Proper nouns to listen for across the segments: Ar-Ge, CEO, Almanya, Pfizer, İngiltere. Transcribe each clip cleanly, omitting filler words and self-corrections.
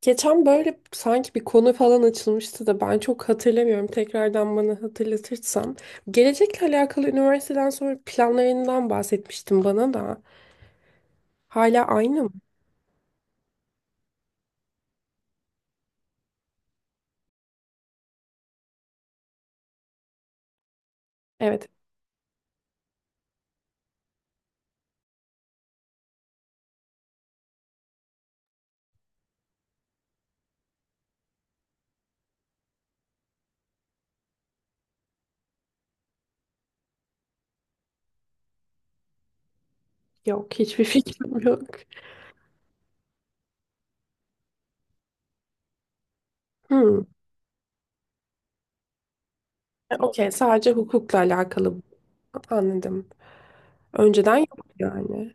Geçen böyle sanki bir konu falan açılmıştı da ben çok hatırlamıyorum. Tekrardan bana hatırlatırsan. Gelecekle alakalı üniversiteden sonra planlarından bahsetmiştin bana da. Hala aynı mı? Evet. Yok, hiçbir fikrim yok. Hmm. Okey, sadece hukukla alakalı. Anladım. Önceden yok yani.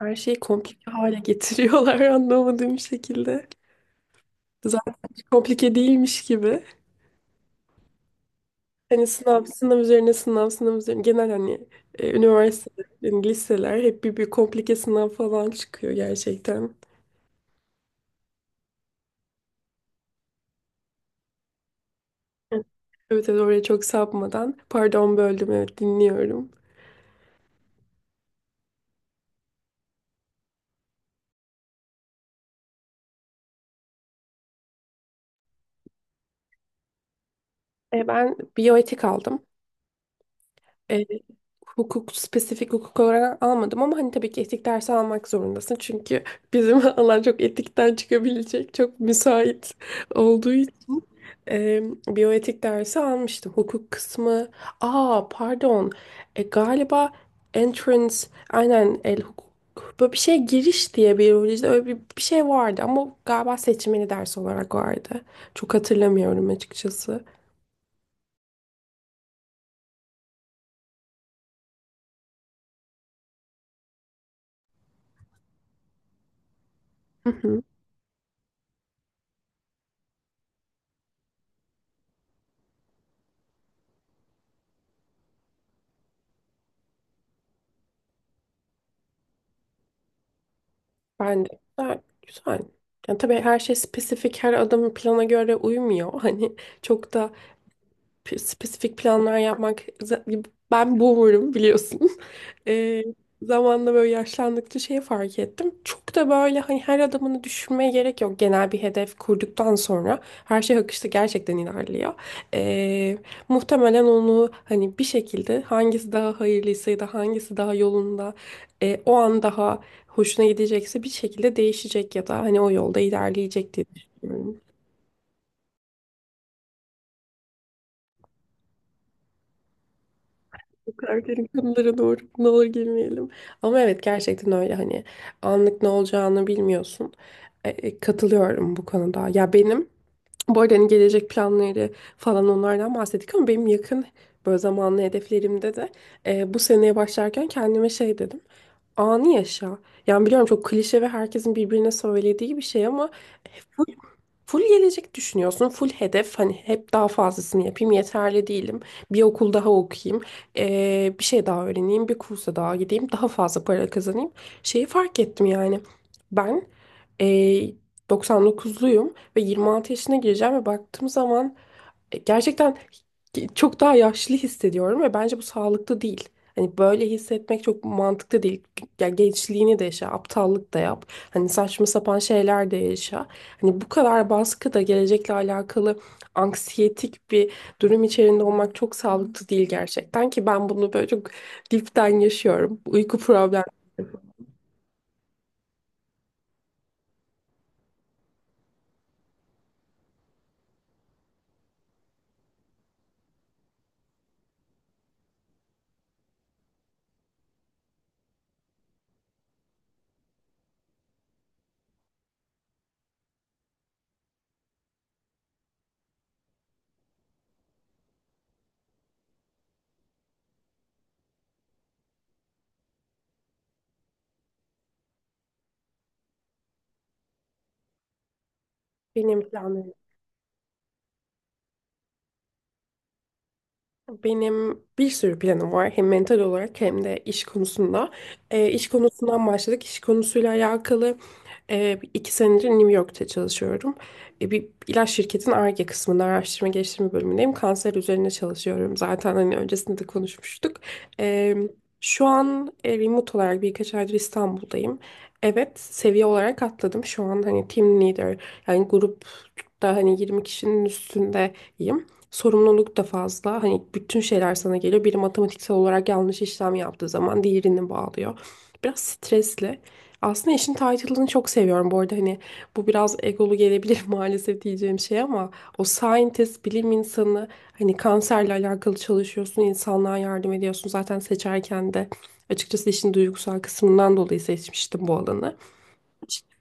Her şeyi komplike hale getiriyorlar anlamadığım şekilde. Zaten hiç komplike değilmiş gibi. Hani sınav, sınav üzerine sınav, sınav üzerine genel hani üniversiteler yani liseler hep bir komplike sınav falan çıkıyor gerçekten. Evet. Evet, evet oraya çok sapmadan. Pardon böldüm, evet dinliyorum. Ben biyoetik aldım. E, Hukuk spesifik hukuk olarak almadım ama hani tabii ki etik dersi almak zorundasın. Çünkü bizim alan çok etikten çıkabilecek, çok müsait olduğu için. E, Biyoetik dersi almıştım. Hukuk kısmı. Aa pardon. Galiba entrance aynen el hukuk. Böyle bir şey giriş diye biyolojide öyle bir şey vardı ama galiba seçmeli ders olarak vardı. Çok hatırlamıyorum açıkçası. Hı hı. Ben de. Güzel. Güzel. Yani tabii her şey spesifik, her adamın plana göre uymuyor. Hani çok da spesifik planlar yapmak. Ben boomer'ım biliyorsun. Ee, Zamanla böyle yaşlandıkça şey fark ettim. Çok da böyle hani her adımını düşünmeye gerek yok. Genel bir hedef kurduktan sonra her şey akışta gerçekten ilerliyor. Ee, Muhtemelen onu hani bir şekilde hangisi daha hayırlıysa ya da hangisi daha yolunda o an daha hoşuna gidecekse bir şekilde değişecek ya da hani o yolda ilerleyecek diye düşünüyorum. Karakterin konulara doğru ne olur girmeyelim. Ama evet gerçekten öyle hani anlık ne olacağını bilmiyorsun. Katılıyorum bu konuda. Ya benim bu arada hani gelecek planları falan onlardan bahsettik ama benim yakın böyle zamanlı hedeflerimde de bu seneye başlarken kendime şey dedim. Anı yaşa. Yani biliyorum çok klişe ve herkesin birbirine söylediği bir şey ama full gelecek düşünüyorsun. Full hedef, hani hep daha fazlasını yapayım, yeterli değilim. Bir okul daha okuyayım. Bir şey daha öğreneyim. Bir kursa daha gideyim. Daha fazla para kazanayım. Şeyi fark ettim yani. Ben eee 99'luyum ve 26 yaşına gireceğim ve baktığım zaman gerçekten çok daha yaşlı hissediyorum ve bence bu sağlıklı değil. Hani böyle hissetmek çok mantıklı değil. Ya gençliğini de yaşa, aptallık da yap. Hani saçma sapan şeyler de yaşa. Hani bu kadar baskı da gelecekle alakalı anksiyetik bir durum içerisinde olmak çok sağlıklı değil gerçekten ki ben bunu böyle çok dipten yaşıyorum. Uyku problemi benim planlarım. Benim bir sürü planım var. Hem mental olarak hem de iş konusunda. İş konusundan başladık. İş konusuyla alakalı iki senedir New York'ta çalışıyorum. Bir ilaç şirketin Ar-Ge kısmında, araştırma geliştirme bölümündeyim. Kanser üzerine çalışıyorum. Zaten hani öncesinde de konuşmuştuk. E, Şu an remote olarak birkaç aydır İstanbul'dayım. Evet, seviye olarak atladım. Şu an hani team leader, yani grupta hani 20 kişinin üstündeyim, sorumluluk da fazla. Hani bütün şeyler sana geliyor. Biri matematiksel olarak yanlış işlem yaptığı zaman diğerini bağlıyor. Biraz stresli. Aslında işin title'ını çok seviyorum. Bu arada hani bu biraz egolu gelebilir maalesef diyeceğim şey ama o scientist, bilim insanı, hani kanserle alakalı çalışıyorsun, insanlığa yardım ediyorsun. Zaten seçerken de açıkçası işin duygusal kısmından dolayı seçmiştim bu alanı,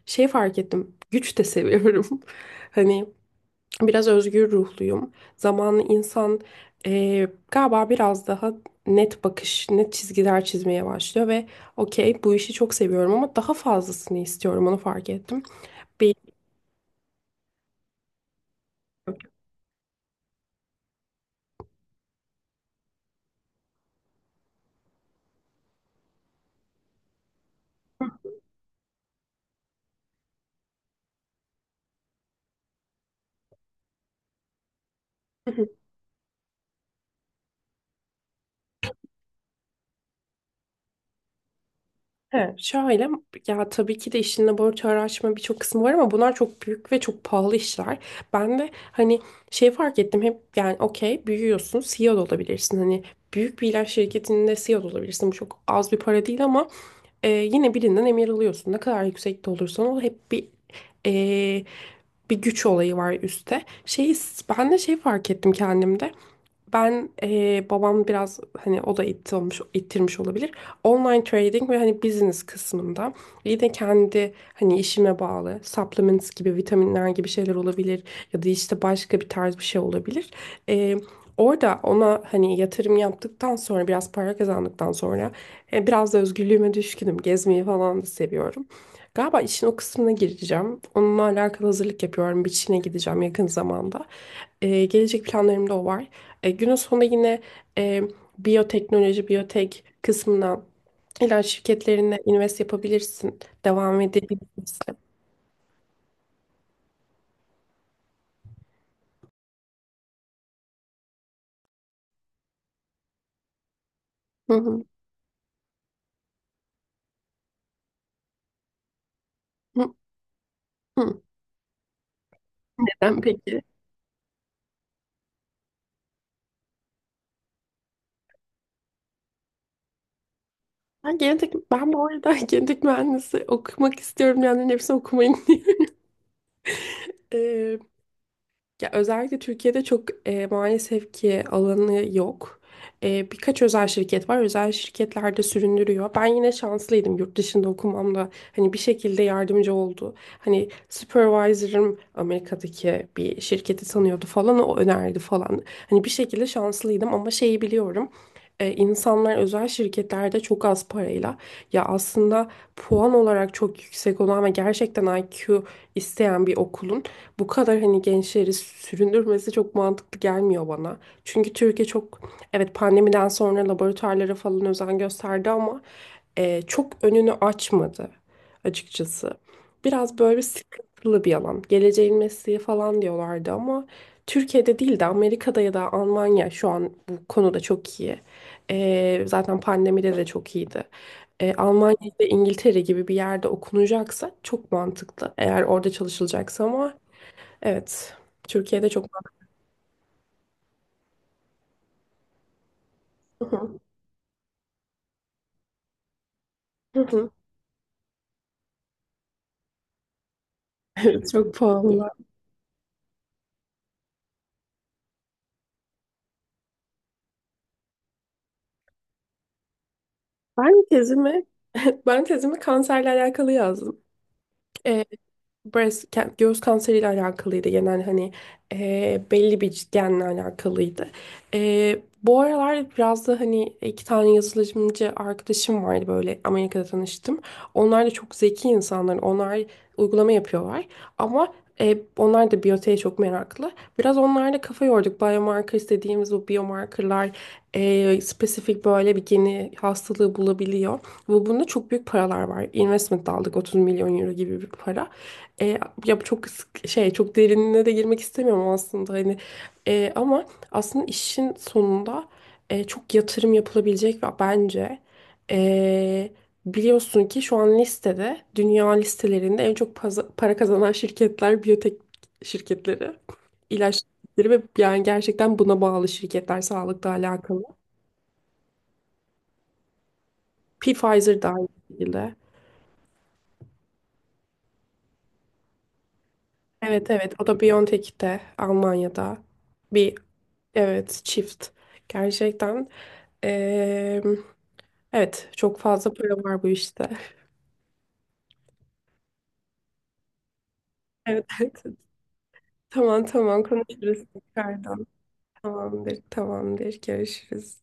şey fark ettim. Güç de seviyorum. Hani biraz özgür ruhluyum. Zamanlı insan galiba biraz daha net bakış, net çizgiler çizmeye başlıyor ve okey bu işi çok seviyorum ama daha fazlasını istiyorum, onu fark ettim. Bir, He, şöyle, ya tabii ki de işin laboratuvar açma birçok kısmı var ama bunlar çok büyük ve çok pahalı işler. Ben de hani şey fark ettim hep, yani okey büyüyorsun, CEO da olabilirsin. Hani büyük bir ilaç şirketinde CEO da olabilirsin. Bu çok az bir para değil ama yine birinden emir alıyorsun. Ne kadar yüksekte olursan ol hep e, bir güç olayı var üstte. Şey, ben de şey fark ettim kendimde. Ben Babam biraz hani o da itti olmuş, ittirmiş olabilir. Online trading ve hani business kısmında yine kendi hani işime bağlı supplements gibi, vitaminler gibi şeyler olabilir ya da işte başka bir tarz bir şey olabilir. Eee, Orada ona hani yatırım yaptıktan sonra, biraz para kazandıktan sonra biraz da özgürlüğüme düşkünüm. Gezmeyi falan da seviyorum. Galiba işin o kısmına gireceğim. Onunla alakalı hazırlık yapıyorum. Bir Çin'e gideceğim yakın zamanda. Gelecek planlarımda o var. Günün sonunda yine e, biyoteknoloji, biyotek kısmına, ilaç şirketlerine invest yapabilirsin. Devam edebilirsin. Hı hı. Hı hı. Neden peki? Ben genetik, ben bu arada genetik mühendisi okumak istiyorum. Yani hepsini okumayın diye. Ya özellikle Türkiye'de çok maalesef ki alanı yok. Birkaç özel şirket var. Özel şirketler de süründürüyor. Ben yine şanslıydım yurt dışında okumamda. Hani bir şekilde yardımcı oldu. Hani supervisor'ım Amerika'daki bir şirketi tanıyordu falan. O önerdi falan. Hani bir şekilde şanslıydım ama şeyi biliyorum. İnsanlar özel şirketlerde çok az parayla, ya aslında puan olarak çok yüksek olan ve gerçekten IQ isteyen bir okulun bu kadar hani gençleri süründürmesi çok mantıklı gelmiyor bana. Çünkü Türkiye çok, evet, pandemiden sonra laboratuvarlara falan özen gösterdi ama çok önünü açmadı açıkçası. Biraz böyle sıkıntılı bir alan. Geleceğin mesleği falan diyorlardı ama Türkiye'de değil de Amerika'da ya da Almanya şu an bu konuda çok iyi. Zaten pandemide de çok iyiydi. Almanya ve İngiltere gibi bir yerde okunacaksa çok mantıklı. Eğer orada çalışılacaksa ama evet, Türkiye'de çok pahalı. Hı hı. Evet, çok pahalı. Ben tezimi ben tezimi kanserle alakalı yazdım. E, Breast, göğüs kanseriyle alakalıydı, genel hani belli bir genle alakalıydı. Bu aralar biraz da hani iki tane yazılımcı arkadaşım vardı, böyle Amerika'da tanıştım. Onlar da çok zeki insanlar. Onlar uygulama yapıyorlar ama onlar da biyoteye çok meraklı. Biraz onlarla kafa yorduk. Biomarker istediğimiz, bu biomarkerlar spesifik böyle bir geni, hastalığı bulabiliyor. Bu, bunda çok büyük paralar var. Investment aldık, 30 milyon euro gibi bir para. E, şey, çok derinine de girmek istemiyorum aslında hani. Ama aslında işin sonunda çok yatırım yapılabilecek ve bence e, biliyorsun ki şu an listede, dünya listelerinde en çok para kazanan şirketler biyotek şirketleri, ilaç şirketleri ve yani gerçekten buna bağlı şirketler, sağlıkla alakalı. Pfizer dahil. Evet, evet, o da BioNTech'te Almanya'da bir, evet, çift, gerçekten eee, evet, çok fazla para var bu işte. Evet, evet. Tamam, tamam, konuşuruz tekrardan. Tamamdır, tamamdır, görüşürüz.